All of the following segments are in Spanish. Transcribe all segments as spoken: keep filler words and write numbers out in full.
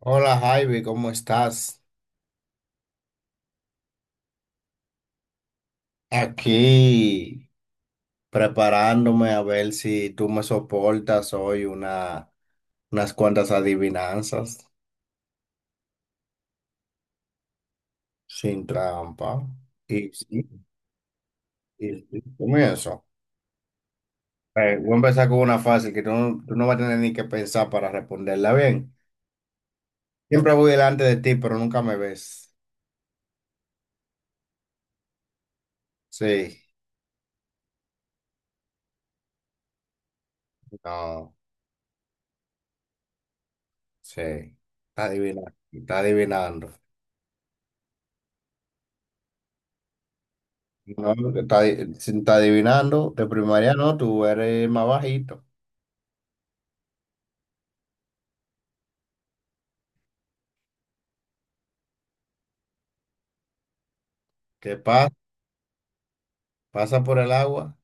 Hola Javi, ¿cómo estás? Aquí preparándome a ver si tú me soportas hoy una, unas cuantas adivinanzas sin trampa. Y sí, y sí, comienzo. Eh, voy a empezar con una fácil que tú no, tú no vas a tener ni que pensar para responderla bien. Siempre voy delante de ti, pero nunca me ves. Sí, no, sí. Está adivinando, está adivinando. No, te está, adi- si está adivinando, de primaria no, tú eres más bajito. ¿Qué pasa? Pasa por el agua,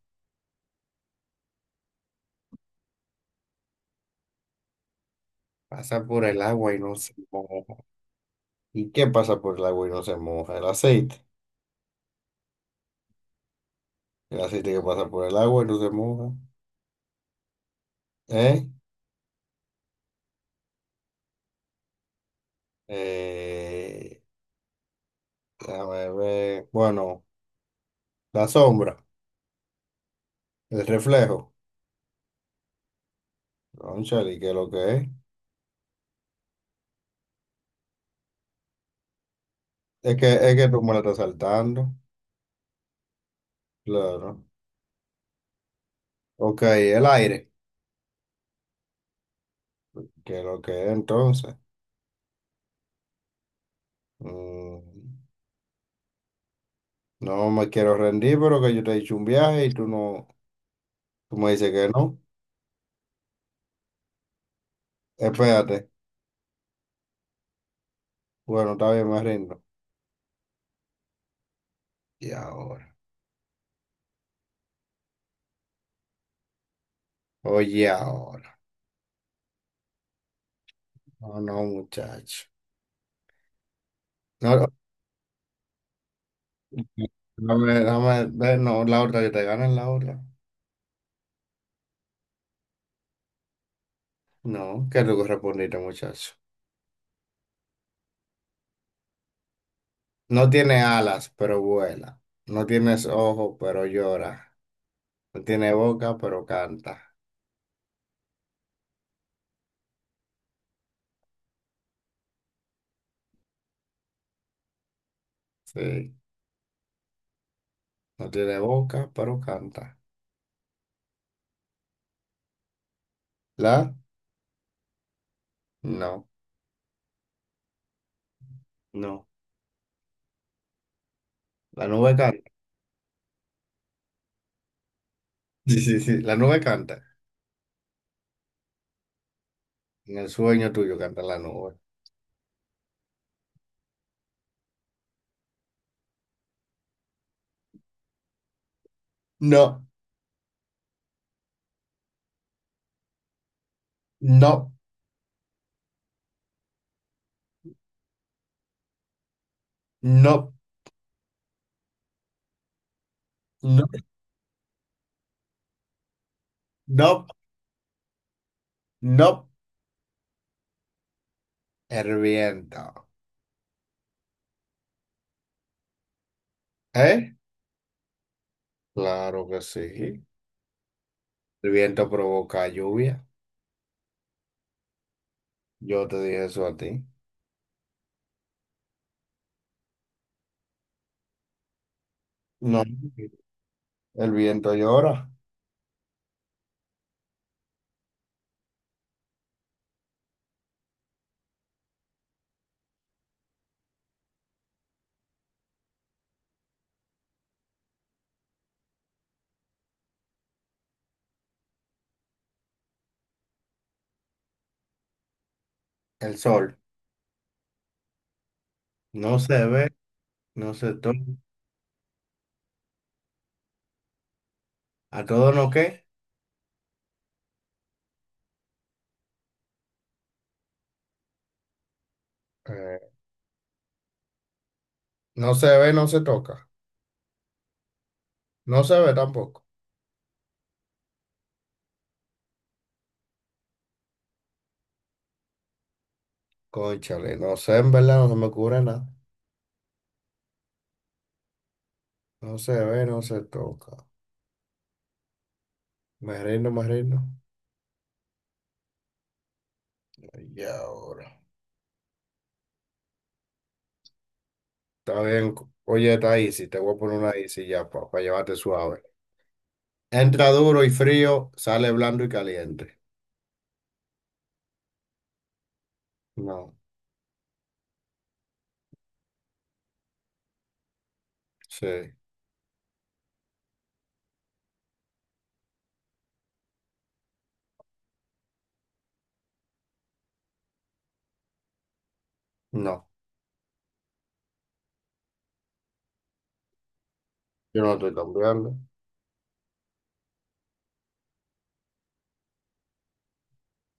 pasa por el agua y no se moja. ¿Y qué pasa por el agua y no se moja? El aceite. El aceite que pasa por el agua y no se moja. ¿Eh? Eh, déjame ver. Bueno, la sombra, el reflejo. Cónchale, ¿qué es lo que es? Es que, es que tú me la estás saltando. Claro. Ok, el aire. ¿Qué es lo que es entonces? Mm. No me quiero rendir, pero que yo te he dicho un viaje y tú no, tú me dices que no. Espérate. Bueno, está bien, me rindo. Y ahora. Oye, ahora. No, no, muchacho. No, no, dame, dame- ve, no, la otra que te gana es la otra. No, que tú respondiste, muchacho. No tiene alas, pero vuela. No tienes ojos, pero llora. No tiene boca, pero canta. Sí. No tiene boca, pero canta. ¿La? No. No. La nube canta. Sí, sí, sí. La nube canta. En el sueño tuyo canta la nube. No, no, no, no, no, no. El viento. ¿Eh? Claro que sí. El viento provoca lluvia. Yo te dije eso a ti. No, el viento llora. El sol no se ve, no se toca. ¿A todo no qué? Eh, no se ve, no se toca. No se ve tampoco. Cónchale, no sé, en verdad no se me ocurre nada. No se ve, no se toca. Me rindo, me rindo. Y ahora. Está bien. Oye, está easy. Te voy a poner una easy ya para llevarte suave. Entra duro y frío, sale blando y caliente. No, sí, no. Yo no estoy cambiando.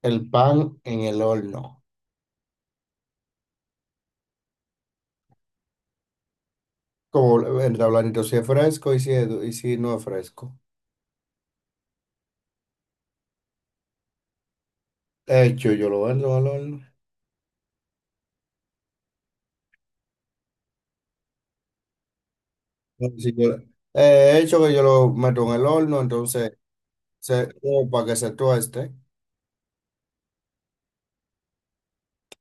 El pan en el horno. Como entra blandito si es fresco y si, es du- y si no es fresco. Hecho, yo lo entro al horno. Si yo- eh, hecho que yo lo meto en el horno, entonces, se, o para que se tueste.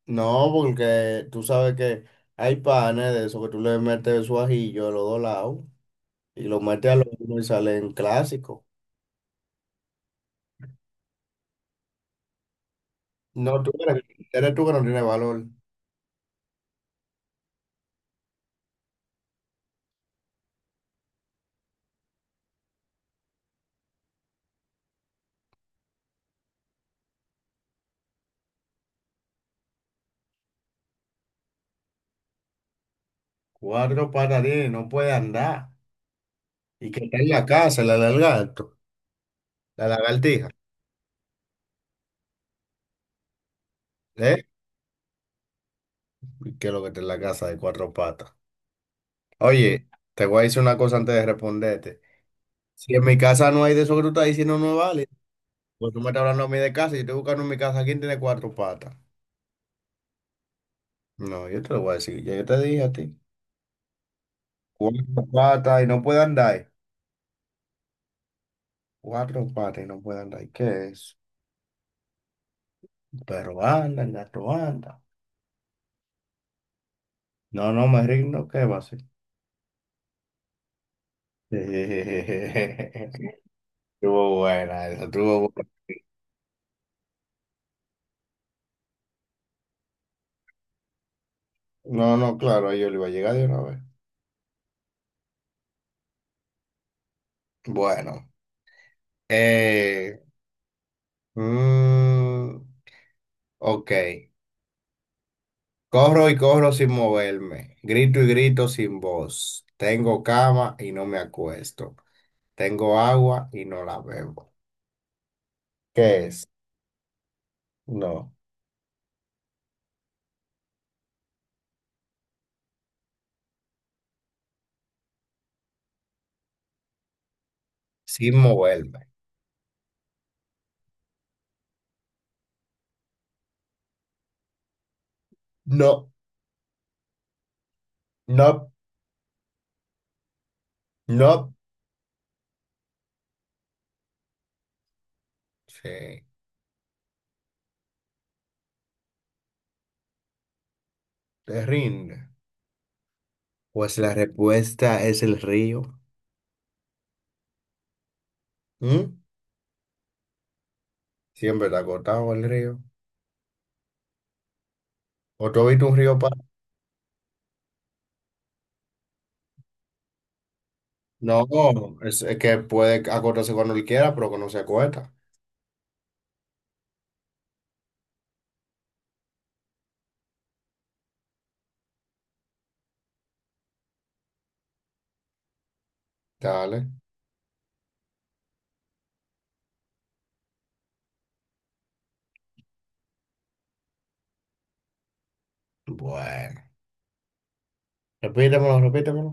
No, porque tú sabes que hay panes de eso que tú le metes su ajillo de los dos lados. Y lo mete a lo uno y salen en clásico. No, tú eres, eres tú que no tienes valor. Cuatro patadines, no puede andar. Y que está en la casa, la lagarto, la lagartija, ¿eh? Y que lo que está en la casa de cuatro patas. Oye, te voy a decir una cosa antes de responderte. Si en mi casa no hay de eso que tú estás diciendo, no es válido. Pues tú me estás hablando a mí de casa y yo estoy buscando en mi casa quién tiene cuatro patas. No, yo te lo voy a decir, ya yo te dije a ti. Cuatro patas y no puede andar. Cuatro patas y no puede andar. ¿Qué es? Pero anda, gato anda. No, no me rindo, ¿qué va a ser? Estuvo buena, esa estuvo buena. No, no, claro, a ellos le iba a llegar de una vez. Bueno, eh, mm, ok. Corro y corro sin moverme, grito y grito sin voz. Tengo cama y no me acuesto. Tengo agua y no la bebo. ¿Qué es? No, sin moverme. No, no, no. Sí, te rinde. Pues la respuesta es el río. ¿Mm? Siempre está acotado el río. ¿O tú has visto un río para...? No, es, es que puede acotarse cuando él quiera, pero que no se acuesta. Dale. Bueno. Repítemelo, repítemelo.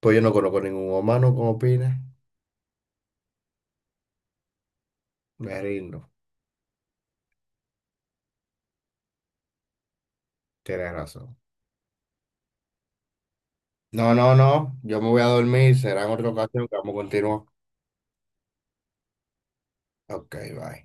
Pues yo no conozco ningún humano como opina. Me rindo. Tienes razón. No, no, no. Yo me voy a dormir. Será en otra ocasión que vamos a continuar. Ok, bye.